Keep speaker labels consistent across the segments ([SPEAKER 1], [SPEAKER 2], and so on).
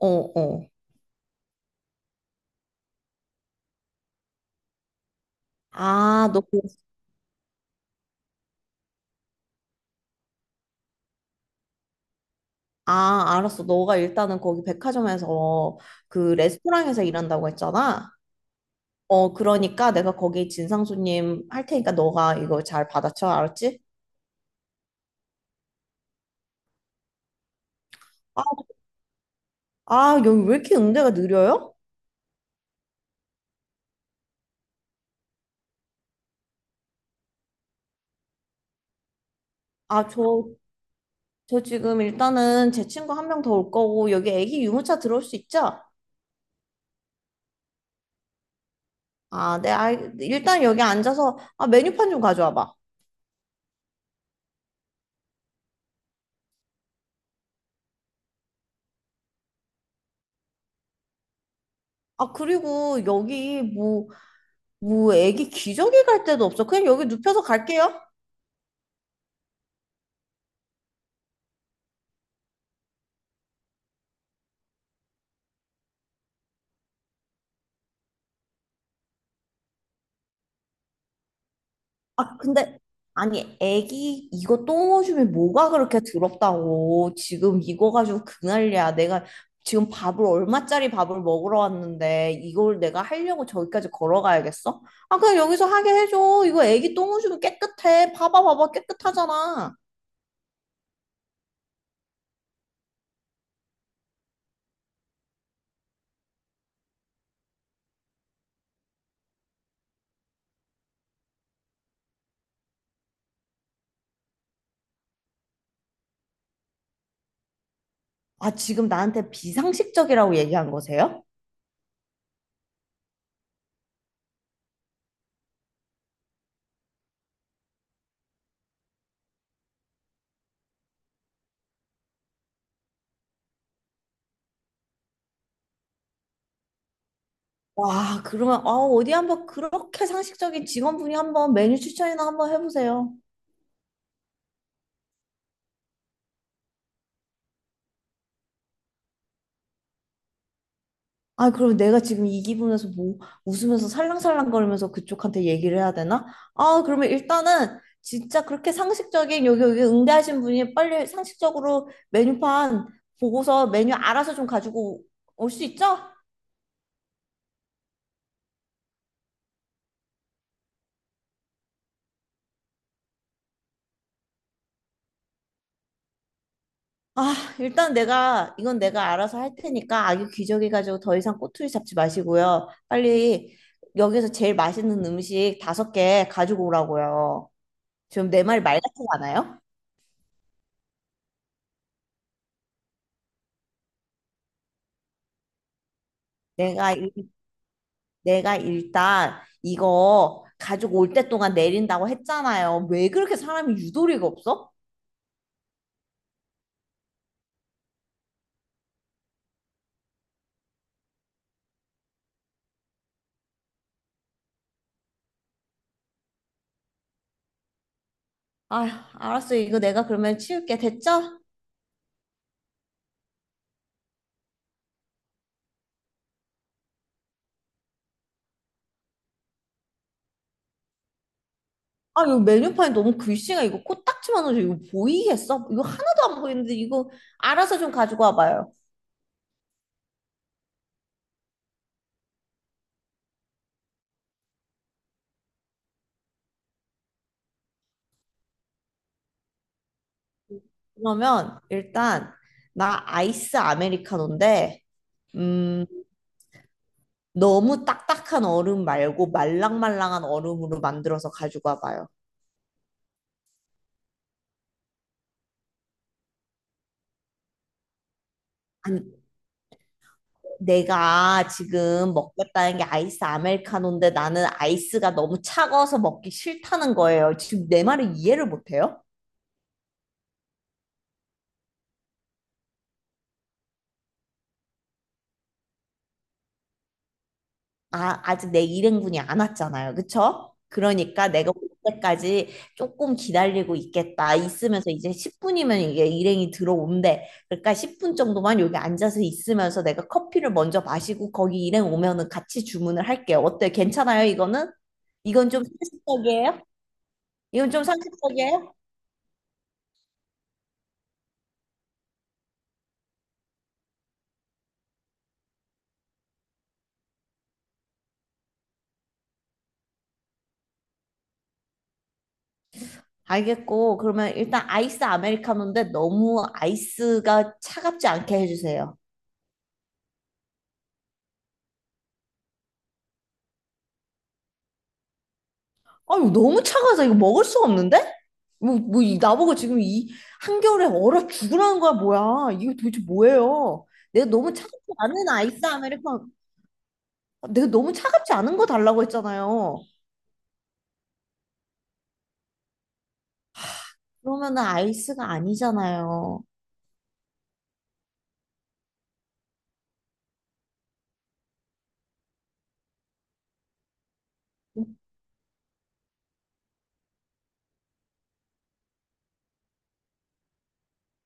[SPEAKER 1] 어, 어. 아, 너, 아, 알았어. 너가 일단은 거기 백화점에서 그 레스토랑에서 일한다고 했잖아. 어, 그러니까 내가 거기 진상 손님 할 테니까 너가 이거 잘 받아쳐. 알았지? 아, 아, 여기 왜 이렇게 응대가 느려요? 아, 저 지금 일단은 제 친구 한 명 더 올 거고, 여기 애기 유모차 들어올 수 있죠? 아, 네, 일단 여기 앉아서, 아, 메뉴판 좀 가져와 봐. 아, 그리고 여기 뭐, 애기 기저귀 갈 데도 없어. 그냥 여기 눕혀서 갈게요. 아, 근데, 아니, 애기 이거 똥 오줌이 뭐가 그렇게 더럽다고. 지금 이거 가지고 그 난리야. 내가 지금 밥을, 얼마짜리 밥을 먹으러 왔는데, 이걸 내가 하려고 저기까지 걸어가야겠어? 아, 그냥 여기서 하게 해줘. 이거 애기 똥 오줌이 깨끗해. 봐봐, 봐봐. 깨끗하잖아. 아, 지금 나한테 비상식적이라고 얘기한 거세요? 와, 그러면, 아, 어디 한번 그렇게 상식적인 직원분이 한번 메뉴 추천이나 한번 해보세요. 아, 그럼 내가 지금 이 기분에서 뭐 웃으면서 살랑살랑거리면서 그쪽한테 얘기를 해야 되나? 아, 그러면 일단은 진짜 그렇게 상식적인 여기 응대하신 분이 빨리 상식적으로 메뉴판 보고서 메뉴 알아서 좀 가지고 올 수 있죠? 아, 일단 내가 이건 내가 알아서 할 테니까 아기 기저귀 가지고 더 이상 꼬투리 잡지 마시고요. 빨리 여기서 제일 맛있는 음식 다섯 개 가지고 오라고요. 지금 내 말이 말 같지 않아요? 내가 내가 일단 이거 가지고 올 때 동안 내린다고 했잖아요. 왜 그렇게 사람이 유도리가 없어? 아휴, 알았어. 이거 내가 그러면 치울게. 됐죠? 아, 이거 메뉴판이 너무 글씨가 이거 코딱지만 하죠. 이거 보이겠어? 이거 하나도 안 보이는데 이거 알아서 좀 가지고 와봐요. 그러면 일단 나 아이스 아메리카노인데 음, 너무 딱딱한 얼음 말고 말랑말랑한 얼음으로 만들어서 가지고 와봐요. 아니, 내가 지금 먹겠다는 게 아이스 아메리카노인데 나는 아이스가 너무 차가워서 먹기 싫다는 거예요. 지금 내 말을 이해를 못해요? 아, 아직 내 일행분이 안 왔잖아요. 그쵸? 그러니까 내가 올 때까지 조금 기다리고 있겠다. 있으면서 이제 10분이면 이게 일행이 들어온대. 그러니까 10분 정도만 여기 앉아서 있으면서 내가 커피를 먼저 마시고 거기 일행 오면은 같이 주문을 할게요. 어때? 괜찮아요? 이거는? 이건 좀 상식적이에요? 이건 좀 상식적이에요? 알겠고, 그러면 일단 아이스 아메리카노인데 너무 아이스가 차갑지 않게 해주세요. 아유, 너무 차가워서 이거 먹을 수가 없는데? 뭐, 나보고 지금 이 한겨울에 얼어 죽으라는 거야, 뭐야. 이거 도대체 뭐예요? 내가 너무 차갑지 않은 아이스 아메리카노, 내가 너무 차갑지 않은 거 달라고 했잖아요. 그러면은 아이스가 아니잖아요.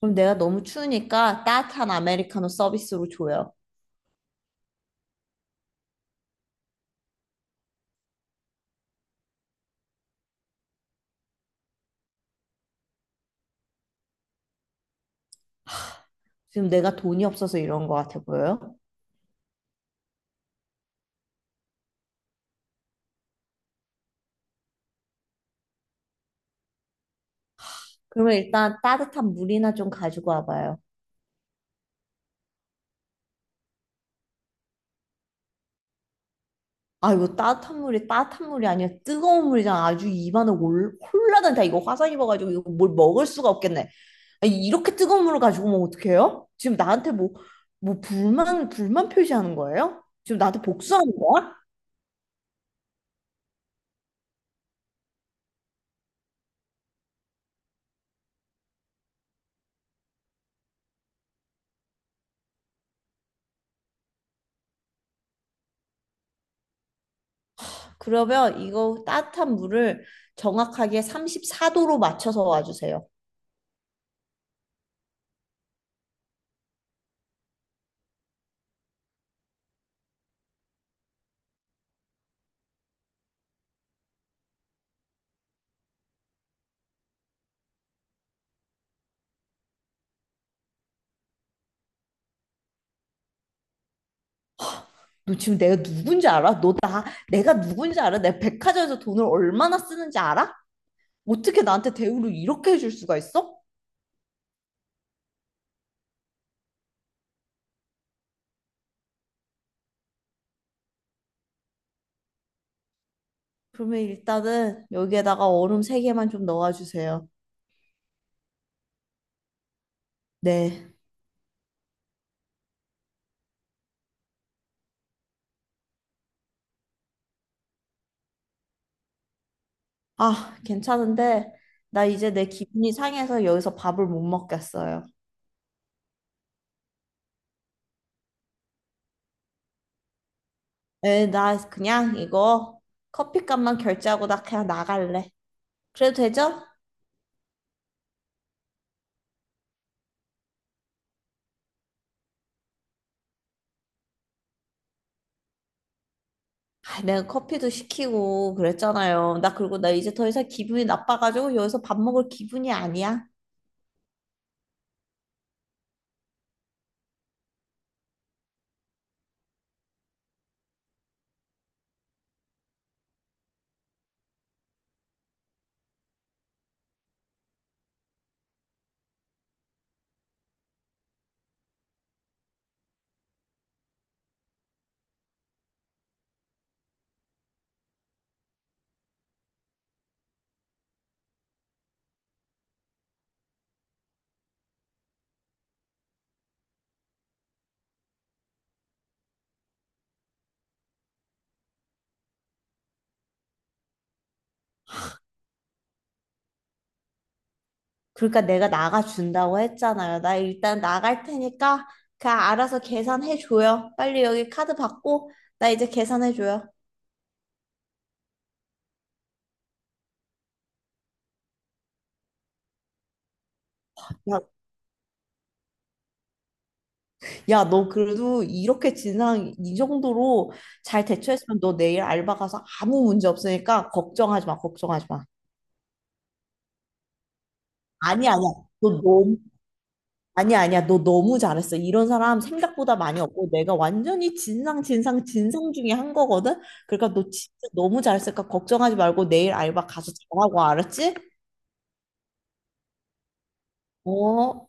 [SPEAKER 1] 그럼 내가 너무 추우니까 따뜻한 아메리카노 서비스로 줘요. 지금 내가 돈이 없어서 이런 거 같아 보여요? 그러면 일단 따뜻한 물이나 좀 가지고 와봐요. 아, 이거 따뜻한 물이 따뜻한 물이 아니야. 뜨거운 물이잖아. 아주 입안에 올, 홀라단다. 이거 화상 입어가지고 이거 뭘 먹을 수가 없겠네. 아니, 이렇게 뜨거운 물을 가지고 오면 어떡해요? 지금 나한테 뭐, 불만 표시하는 거예요? 지금 나한테 복수하는 거야? 그러면 이거 따뜻한 물을 정확하게 34도로 맞춰서 와주세요. 너 지금 내가 누군지 알아? 내가 누군지 알아? 내가 백화점에서 돈을 얼마나 쓰는지 알아? 어떻게 나한테 대우를 이렇게 해줄 수가 있어? 그러면 일단은 여기에다가 얼음 세개만좀 넣어주세요. 네. 아, 괜찮은데, 나 이제 내 기분이 상해서 여기서 밥을 못 먹겠어요. 에, 나 그냥 이거 커피값만 결제하고 나 그냥 나갈래. 그래도 되죠? 아, 내가 커피도 시키고 그랬잖아요. 나 그리고 나 이제 더 이상 기분이 나빠가지고 여기서 밥 먹을 기분이 아니야. 그러니까 내가 나가준다고 했잖아요. 나 일단 나갈 테니까 그냥 알아서 계산해 줘요. 빨리 여기 카드 받고 나 이제 계산해 줘요. 야, 야, 너 그래도 이렇게 진상 이 정도로 잘 대처했으면 너 내일 알바 가서 아무 문제 없으니까 걱정하지 마. 걱정하지 마. 아니야, 아니야. 너 너무 아니야, 아니야. 너 너무 잘했어. 이런 사람 생각보다 많이 없고 내가 완전히 진상 진상 진상 중에 한 거거든. 그러니까 너 진짜 너무 잘했으니까 걱정하지 말고 내일 알바 가서 잘하고 알았지? 어,